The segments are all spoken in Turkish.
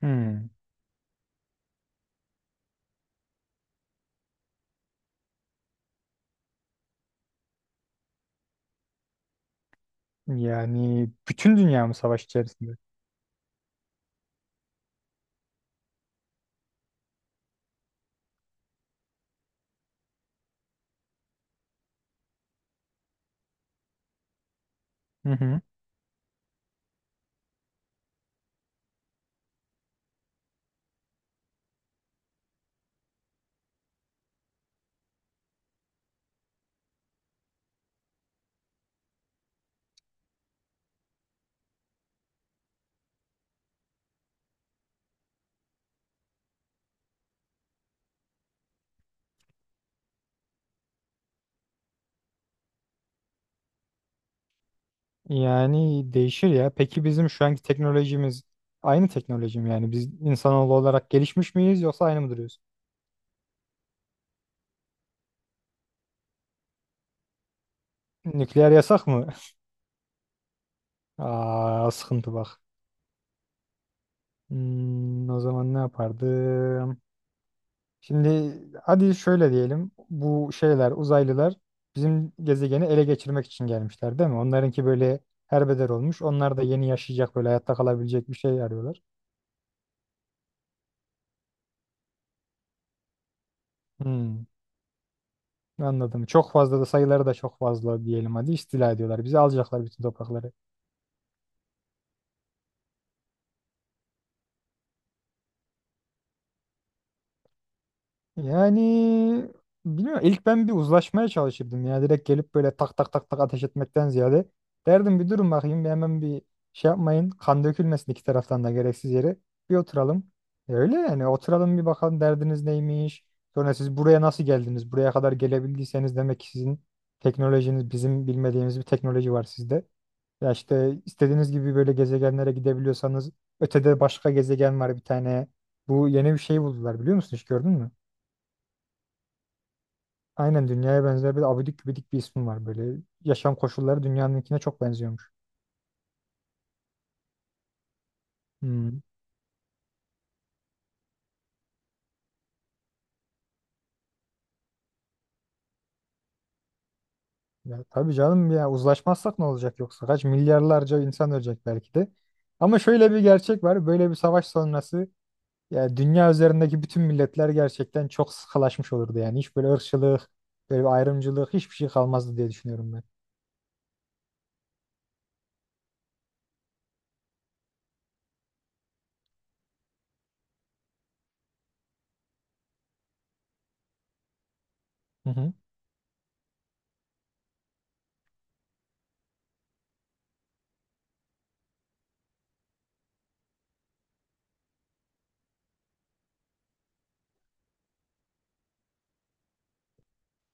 Hmm. Yani bütün dünya mı savaş içerisinde? Hı hı. Yani değişir ya. Peki bizim şu anki teknolojimiz aynı teknoloji mi? Yani biz insanoğlu olarak gelişmiş miyiz yoksa aynı mı duruyoruz? Nükleer yasak mı? Aa, sıkıntı bak. O zaman ne yapardım? Şimdi hadi şöyle diyelim. Bu şeyler, uzaylılar bizim gezegeni ele geçirmek için gelmişler değil mi? Onlarınki böyle herbeder olmuş. Onlar da yeni yaşayacak böyle hayatta kalabilecek bir şey arıyorlar. Hmm. Anladım. Çok fazla da sayıları da çok fazla diyelim, hadi istila ediyorlar. Bizi alacaklar, bütün toprakları. Yani bilmiyorum. İlk ben bir uzlaşmaya çalışırdım ya. Direkt gelip böyle tak tak tak tak ateş etmekten ziyade derdim bir durun bakayım, bir hemen bir şey yapmayın. Kan dökülmesin iki taraftan da gereksiz yere. Bir oturalım. Öyle yani, oturalım bir bakalım derdiniz neymiş. Sonra siz buraya nasıl geldiniz? Buraya kadar gelebildiyseniz demek ki sizin teknolojiniz, bizim bilmediğimiz bir teknoloji var sizde. Ya işte, istediğiniz gibi böyle gezegenlere gidebiliyorsanız ötede başka gezegen var bir tane. Bu yeni bir şey buldular, biliyor musun, hiç gördün mü? Aynen dünyaya benzer, bir abidik gübidik bir ismi var böyle. Yaşam koşulları dünyanınkine çok benziyormuş. Hmm. Ya tabii canım, ya uzlaşmazsak ne olacak, yoksa kaç milyarlarca insan ölecek belki de. Ama şöyle bir gerçek var, böyle bir savaş sonrası ya dünya üzerindeki bütün milletler gerçekten çok sıkılaşmış olurdu yani. Hiç böyle ırkçılık, böyle bir ayrımcılık hiçbir şey kalmazdı diye düşünüyorum ben. Hı hı.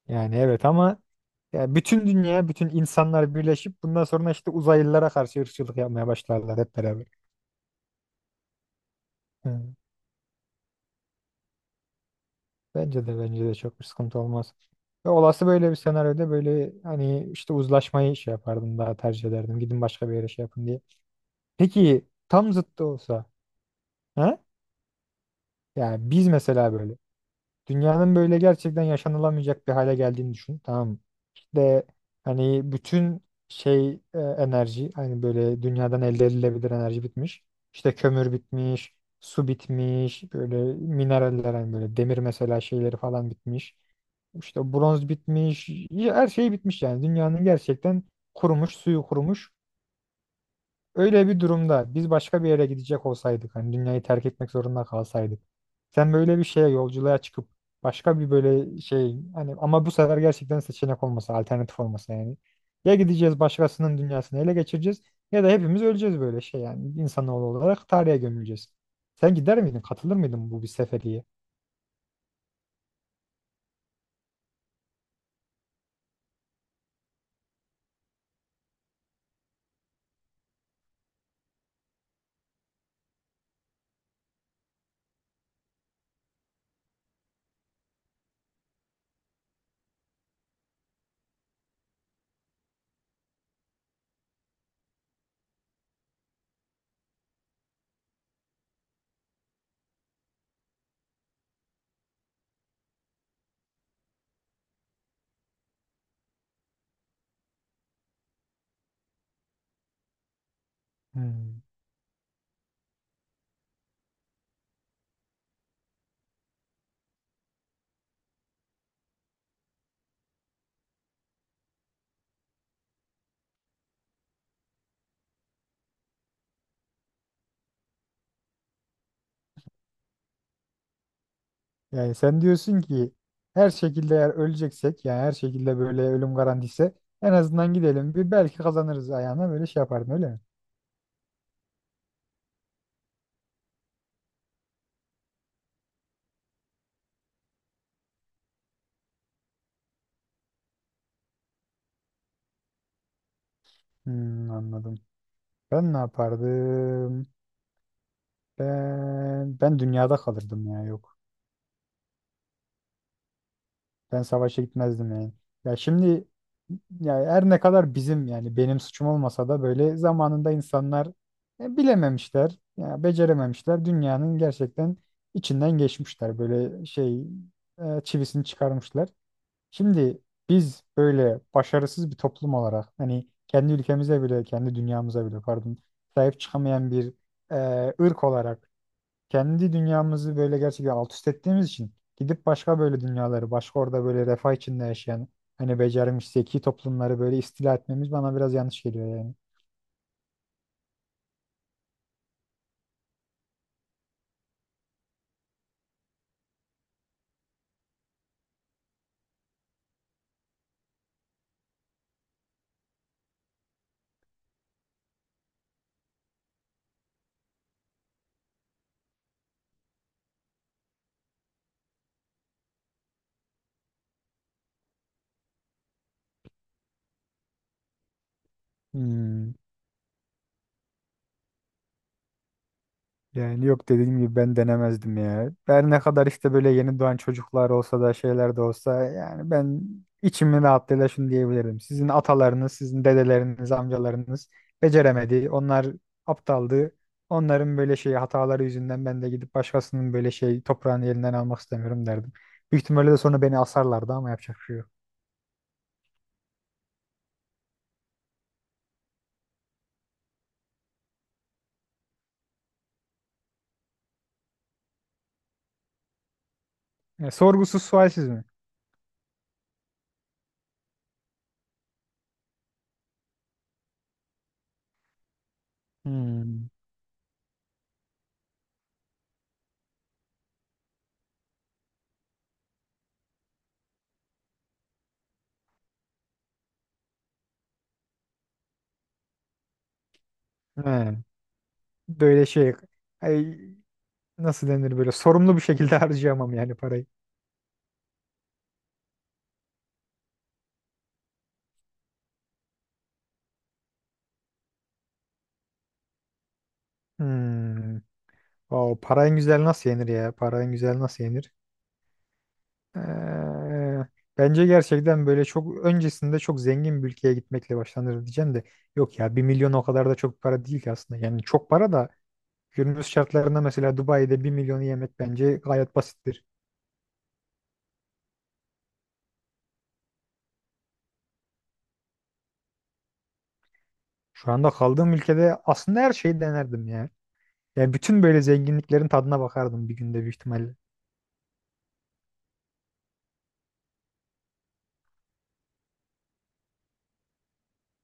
Yani evet, ama ya bütün dünya, bütün insanlar birleşip bundan sonra işte uzaylılara karşı ırkçılık yapmaya başlarlar hep beraber. Hı. Bence de çok bir sıkıntı olmaz. Ve olası böyle bir senaryoda böyle hani işte uzlaşmayı şey yapardım, daha tercih ederdim. Gidin başka bir yere şey yapın diye. Peki tam zıttı olsa ha? Yani biz mesela böyle. Dünyanın böyle gerçekten yaşanılamayacak bir hale geldiğini düşün. Tamam mı? İşte hani bütün şey, enerji, hani böyle dünyadan elde edilebilir enerji bitmiş. İşte kömür bitmiş, su bitmiş, böyle mineraller, hani böyle demir mesela, şeyleri falan bitmiş. İşte bronz bitmiş, ya her şey bitmiş yani. Dünyanın gerçekten kurumuş, suyu kurumuş. Öyle bir durumda biz başka bir yere gidecek olsaydık, hani dünyayı terk etmek zorunda kalsaydık. Sen böyle bir şeye, yolculuğa çıkıp başka bir böyle şey, hani ama bu sefer gerçekten seçenek olmasa, alternatif olmasa yani. Ya gideceğiz başkasının dünyasını ele geçireceğiz, ya da hepimiz öleceğiz, böyle şey yani, insanoğlu olarak tarihe gömüleceğiz. Sen gider miydin, katılır mıydın bu bir seferiye? Hmm. Yani sen diyorsun ki her şekilde eğer öleceksek, yani her şekilde böyle ölüm garantisi, en azından gidelim bir, belki kazanırız ayağına böyle şey yapardın, öyle mi? Anladım. Ben ne yapardım? Ben dünyada kalırdım ya, yok. Ben savaşa gitmezdim yani. Ya şimdi, ya her ne kadar bizim yani benim suçum olmasa da, böyle zamanında insanlar bilememişler, ya becerememişler. Dünyanın gerçekten içinden geçmişler. Böyle şey, çivisini çıkarmışlar. Şimdi biz böyle başarısız bir toplum olarak, hani kendi ülkemize bile, kendi dünyamıza bile pardon, sahip çıkamayan bir ırk olarak, kendi dünyamızı böyle gerçekten alt üst ettiğimiz için, gidip başka böyle dünyaları, başka orada böyle refah içinde yaşayan, hani becermiş zeki toplumları böyle istila etmemiz bana biraz yanlış geliyor yani. Hmm. Yani yok, dediğim gibi ben denemezdim ya. Her ne kadar işte böyle yeni doğan çocuklar olsa da, şeyler de olsa, yani ben içimin rahatlığıyla şunu diyebilirim. Sizin atalarınız, sizin dedeleriniz, amcalarınız beceremedi. Onlar aptaldı. Onların böyle şey hataları yüzünden ben de gidip başkasının böyle şey toprağını elinden almak istemiyorum derdim. Büyük ihtimalle de sonra beni asarlardı, ama yapacak bir şey yok. Yani sorgusuz sualsiz mi? Hmm. He. Böyle şey, ay, nasıl denir, böyle sorumlu bir şekilde harcayamam yani parayı. Hmm. O para en güzel nasıl yenir ya? Para en güzel nasıl yenir? Ee, Bence gerçekten böyle çok öncesinde çok zengin bir ülkeye gitmekle başlanır diyeceğim de, yok ya, 1 milyon o kadar da çok para değil ki aslında. Yani çok para da, günümüz şartlarında mesela Dubai'de 1 milyonu yemek bence gayet basittir. Şu anda kaldığım ülkede aslında her şeyi denerdim ya. Yani bütün böyle zenginliklerin tadına bakardım bir günde, büyük ihtimalle.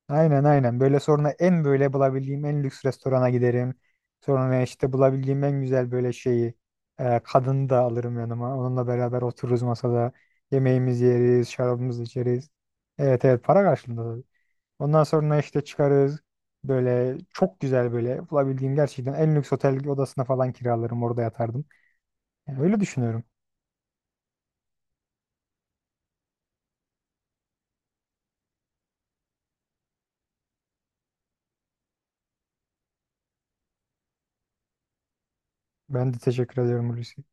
Aynen aynen. Böyle sonra en, böyle bulabildiğim en lüks restorana giderim. Sonra işte bulabildiğim en güzel böyle şeyi, kadını da alırım yanıma. Onunla beraber otururuz masada. Yemeğimizi yeriz, şarabımızı içeriz. Evet, evet, para karşılığında, tabii. Ondan sonra işte çıkarız. Böyle çok güzel, böyle bulabildiğim gerçekten en lüks otel odasına falan kiralarım. Orada yatardım. Yani öyle düşünüyorum. Ben de teşekkür ediyorum, Hulusi.